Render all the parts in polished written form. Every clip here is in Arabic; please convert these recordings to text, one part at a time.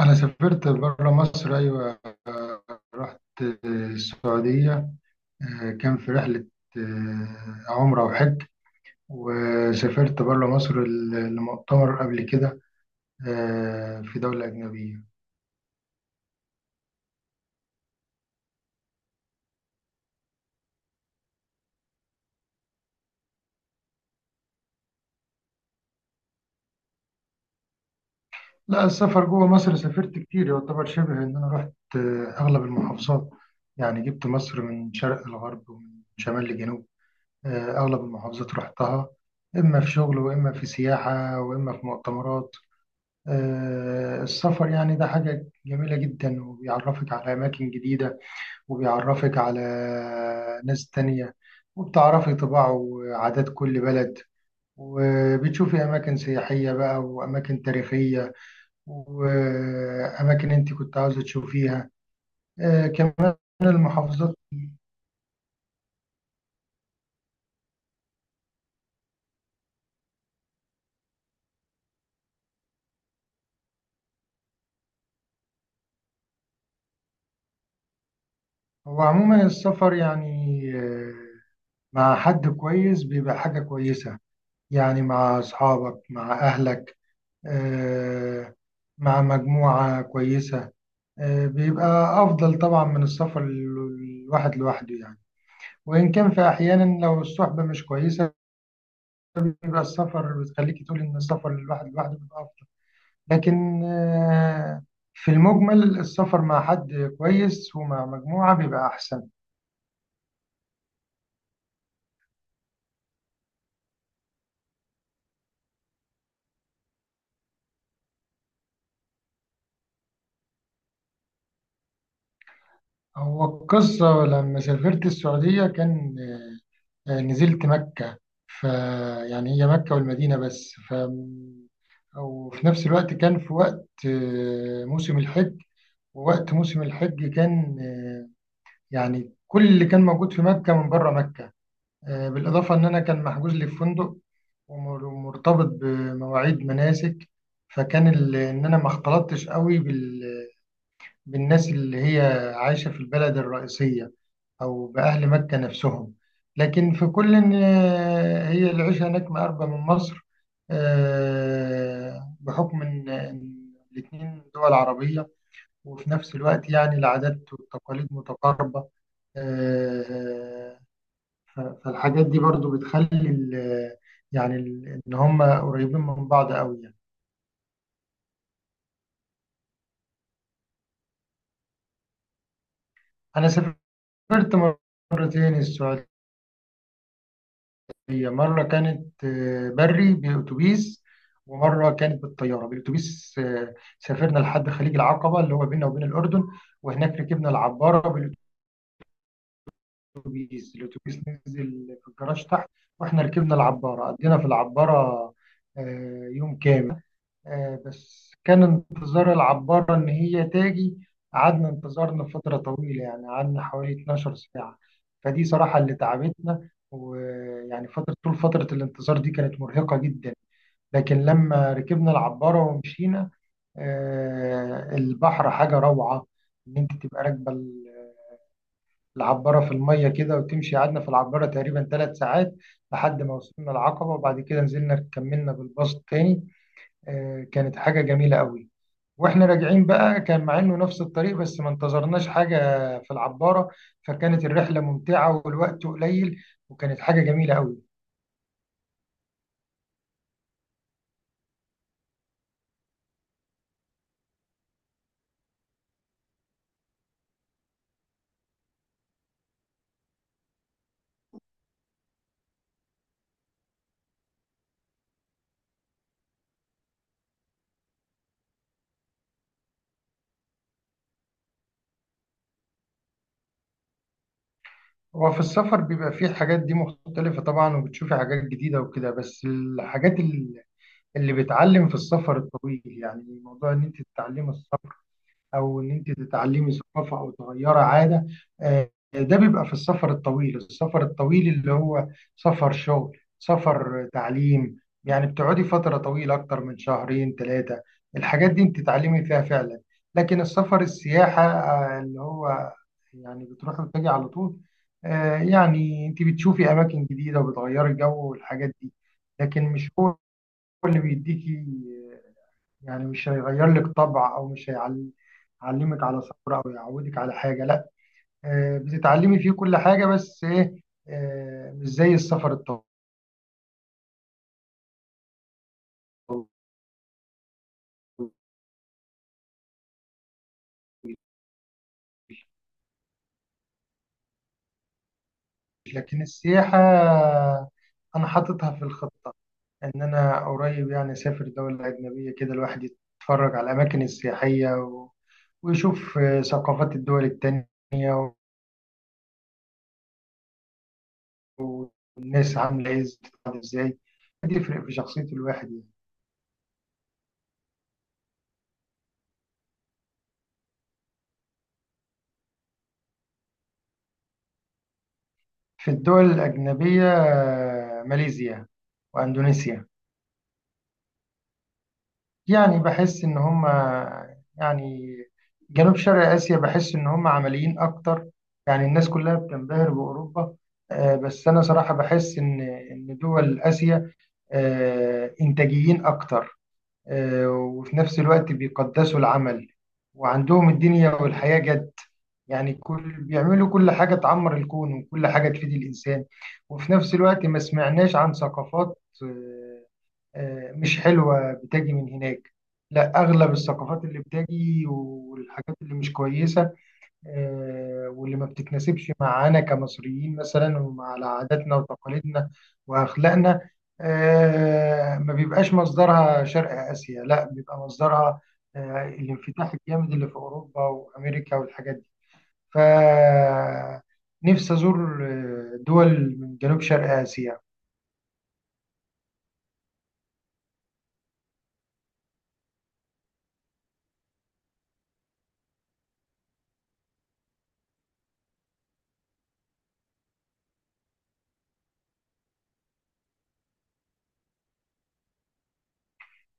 أنا سافرت برا مصر، أيوة، رحت السعودية. كان في رحلة. عمرة وحج. وسافرت برا مصر لمؤتمر قبل كده. في دولة أجنبية. لا، السفر جوه مصر سافرت كتير، يعتبر شبه إن أنا رحت أغلب المحافظات. يعني جبت مصر من شرق لغرب، ومن شمال لجنوب. أغلب المحافظات رحتها، إما في شغل وإما في سياحة وإما في مؤتمرات. السفر يعني ده حاجة جميلة جدا، وبيعرفك على أماكن جديدة، وبيعرفك على ناس تانية، وبتعرفي طباع وعادات كل بلد، وبتشوفي أماكن سياحية بقى وأماكن تاريخية، وأماكن أنت كنت عاوزة تشوفيها. كمان المحافظات. هو عموما السفر يعني مع حد كويس بيبقى حاجة كويسة، يعني مع أصحابك مع أهلك. آه، مع مجموعة كويسة. بيبقى أفضل طبعا من السفر الواحد لوحده يعني. وإن كان في أحيانا لو الصحبة مش كويسة، بيبقى السفر بتخليك تقول إن السفر الواحد لوحده بيبقى أفضل. لكن في المجمل السفر مع حد كويس ومع مجموعة بيبقى أحسن. هو القصة لما سافرت السعودية، كان نزلت مكة. ف يعني هي مكة والمدينة بس. وفي نفس الوقت كان في وقت موسم الحج. ووقت موسم الحج كان يعني كل اللي كان موجود في مكة من بره مكة. بالإضافة إن أنا كان محجوز لي في فندق، ومرتبط بمواعيد مناسك. فكان إن أنا ما اختلطتش قوي بالناس اللي هي عايشة في البلد الرئيسية، أو بأهل مكة نفسهم. لكن في كل إن هي العيشة هناك مقربة من مصر. بحكم إن الاتنين دول عربية، وفي نفس الوقت يعني العادات والتقاليد متقاربة. آه، فالحاجات دي برضو بتخلي يعني إن هم قريبين من بعض أوي يعني. أنا سافرت مرتين السعودية. هي مرة كانت بري بأتوبيس، ومرة كانت بالطيارة. بالأتوبيس سافرنا لحد خليج العقبة اللي هو بيننا وبين الأردن، وهناك ركبنا العبارة. بالأتوبيس، الأتوبيس نزل في الجراج تحت، وإحنا ركبنا العبارة. قضينا في العبارة يوم كامل. بس كان انتظار العبارة إن هي تاجي، قعدنا انتظارنا فترة طويلة، يعني قعدنا حوالي 12 ساعة. فدي صراحة اللي تعبتنا، ويعني فترة طول فترة الانتظار دي كانت مرهقة جدا. لكن لما ركبنا العبارة ومشينا، البحر حاجة روعة، إن أنت تبقى راكبة العبارة في المية كده وتمشي. قعدنا في العبارة تقريبا ثلاث ساعات لحد ما وصلنا العقبة، وبعد كده نزلنا كملنا بالباص تاني. كانت حاجة جميلة قوي. واحنا راجعين بقى كان مع انه نفس الطريق، بس ما انتظرناش حاجة في العبارة. فكانت الرحلة ممتعة والوقت قليل، وكانت حاجة جميلة قوي. وفي السفر بيبقى فيه الحاجات دي مختلفة طبعا، وبتشوفي حاجات جديدة وكده. بس الحاجات اللي بتعلم في السفر الطويل، يعني موضوع ان انت تتعلمي الصبر، او ان انت تتعلمي ثقافه او تغيري عاده، ده بيبقى في السفر الطويل. السفر الطويل اللي هو سفر شغل، سفر تعليم، يعني بتقعدي فتره طويله اكتر من شهرين ثلاثه، الحاجات دي انت تتعلمي فيها فعلا. لكن السفر السياحه اللي هو يعني بتروحي وتجي على طول، يعني انت بتشوفي اماكن جديده وبتغيري الجو والحاجات دي. لكن مش هو اللي بيديكي، يعني مش هيغير لك طبع او مش هيعلمك على صبر او يعودك على حاجه، لا. بتتعلمي فيه كل حاجه، بس ايه؟ مش زي السفر الطويل. لكن السياحه انا حاططها في الخطه، ان انا قريب يعني اسافر دوله اجنبيه كده، الواحد يتفرج على الاماكن السياحيه ويشوف ثقافات الدول التانيه، والناس عامله ايه، بتتعامل ازاي، بيفرق في شخصيه الواحد يعني. في الدول الأجنبية ماليزيا وأندونيسيا. يعني بحس إن هم، يعني جنوب شرق آسيا، بحس إن هم عمليين أكتر. يعني الناس كلها بتنبهر بأوروبا، بس أنا صراحة بحس إن دول آسيا إنتاجيين أكتر. وفي نفس الوقت بيقدسوا العمل، وعندهم الدنيا والحياة جد، يعني كل بيعملوا كل حاجة تعمر الكون وكل حاجة تفيد الإنسان. وفي نفس الوقت ما سمعناش عن ثقافات مش حلوة بتجي من هناك، لا. أغلب الثقافات اللي بتجي والحاجات اللي مش كويسة واللي ما بتتناسبش معانا كمصريين مثلا، ومع عاداتنا وتقاليدنا وأخلاقنا، ما بيبقاش مصدرها شرق آسيا، لا بيبقى مصدرها الانفتاح الجامد اللي في أوروبا وأمريكا والحاجات. فنفسي أزور دول من جنوب شرق آسيا.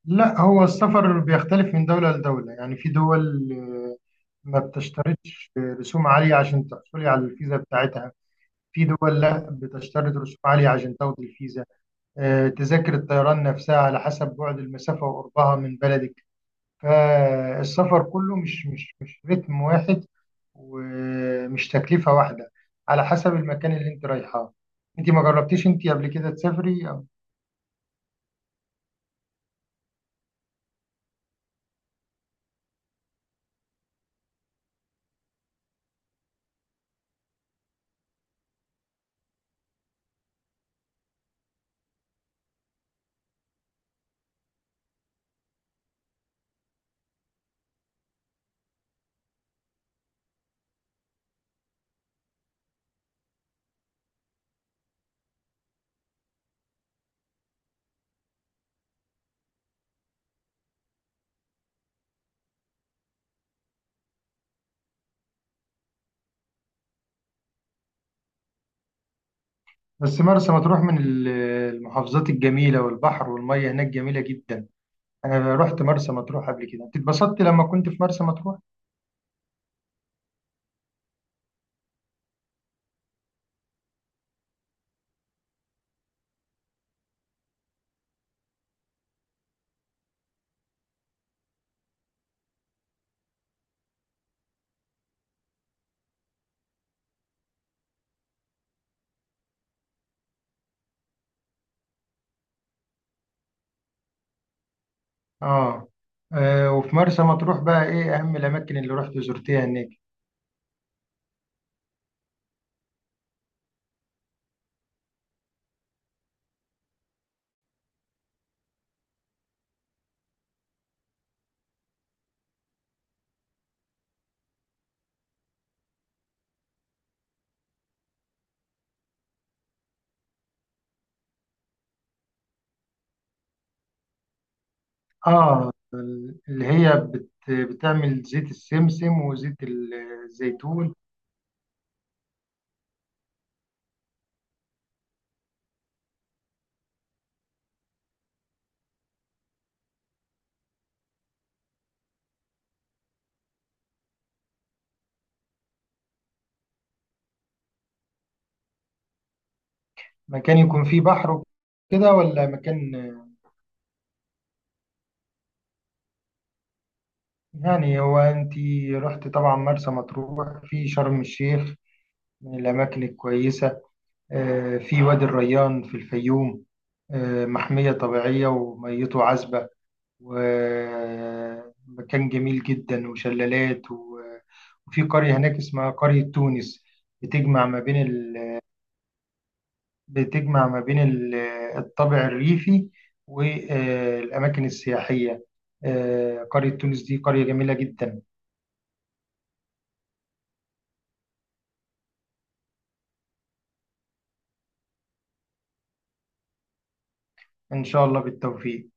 لا، هو السفر بيختلف من دولة لدولة، يعني في دول ما بتشترطش رسوم عالية عشان تحصلي على الفيزا بتاعتها، في دول لا بتشترط رسوم عالية عشان تاخدي الفيزا. تذاكر الطيران نفسها على حسب بعد المسافة وقربها من بلدك. فالسفر كله مش رتم واحد، ومش تكلفة واحدة، على حسب المكان اللي انت رايحاه. انت ما جربتيش انت قبل كده تسافري بس مرسى مطروح من المحافظات الجميلة، والبحر والمية هناك جميلة جدا. انا رحت مرسى مطروح قبل كده. انت اتبسطت لما كنت في مرسى مطروح؟ اه. وفي مرسى مطروح بقى، ايه اهم الاماكن اللي رحت زرتيها هناك؟ اه. اللي هي بتعمل زيت السمسم وزيت الزيتون. مكان يكون فيه بحر كده ولا مكان؟ يعني هو انت رحت طبعا مرسى مطروح، في شرم الشيخ من الاماكن الكويسه. في وادي الريان في الفيوم، محميه طبيعيه وميته عذبه، ومكان جميل جدا، وشلالات وفي قريه هناك اسمها قريه تونس، بتجمع ما بين بتجمع ما بين الطابع الريفي والأماكن السياحية. قرية تونس دي قرية جميلة جدا. إن شاء الله بالتوفيق.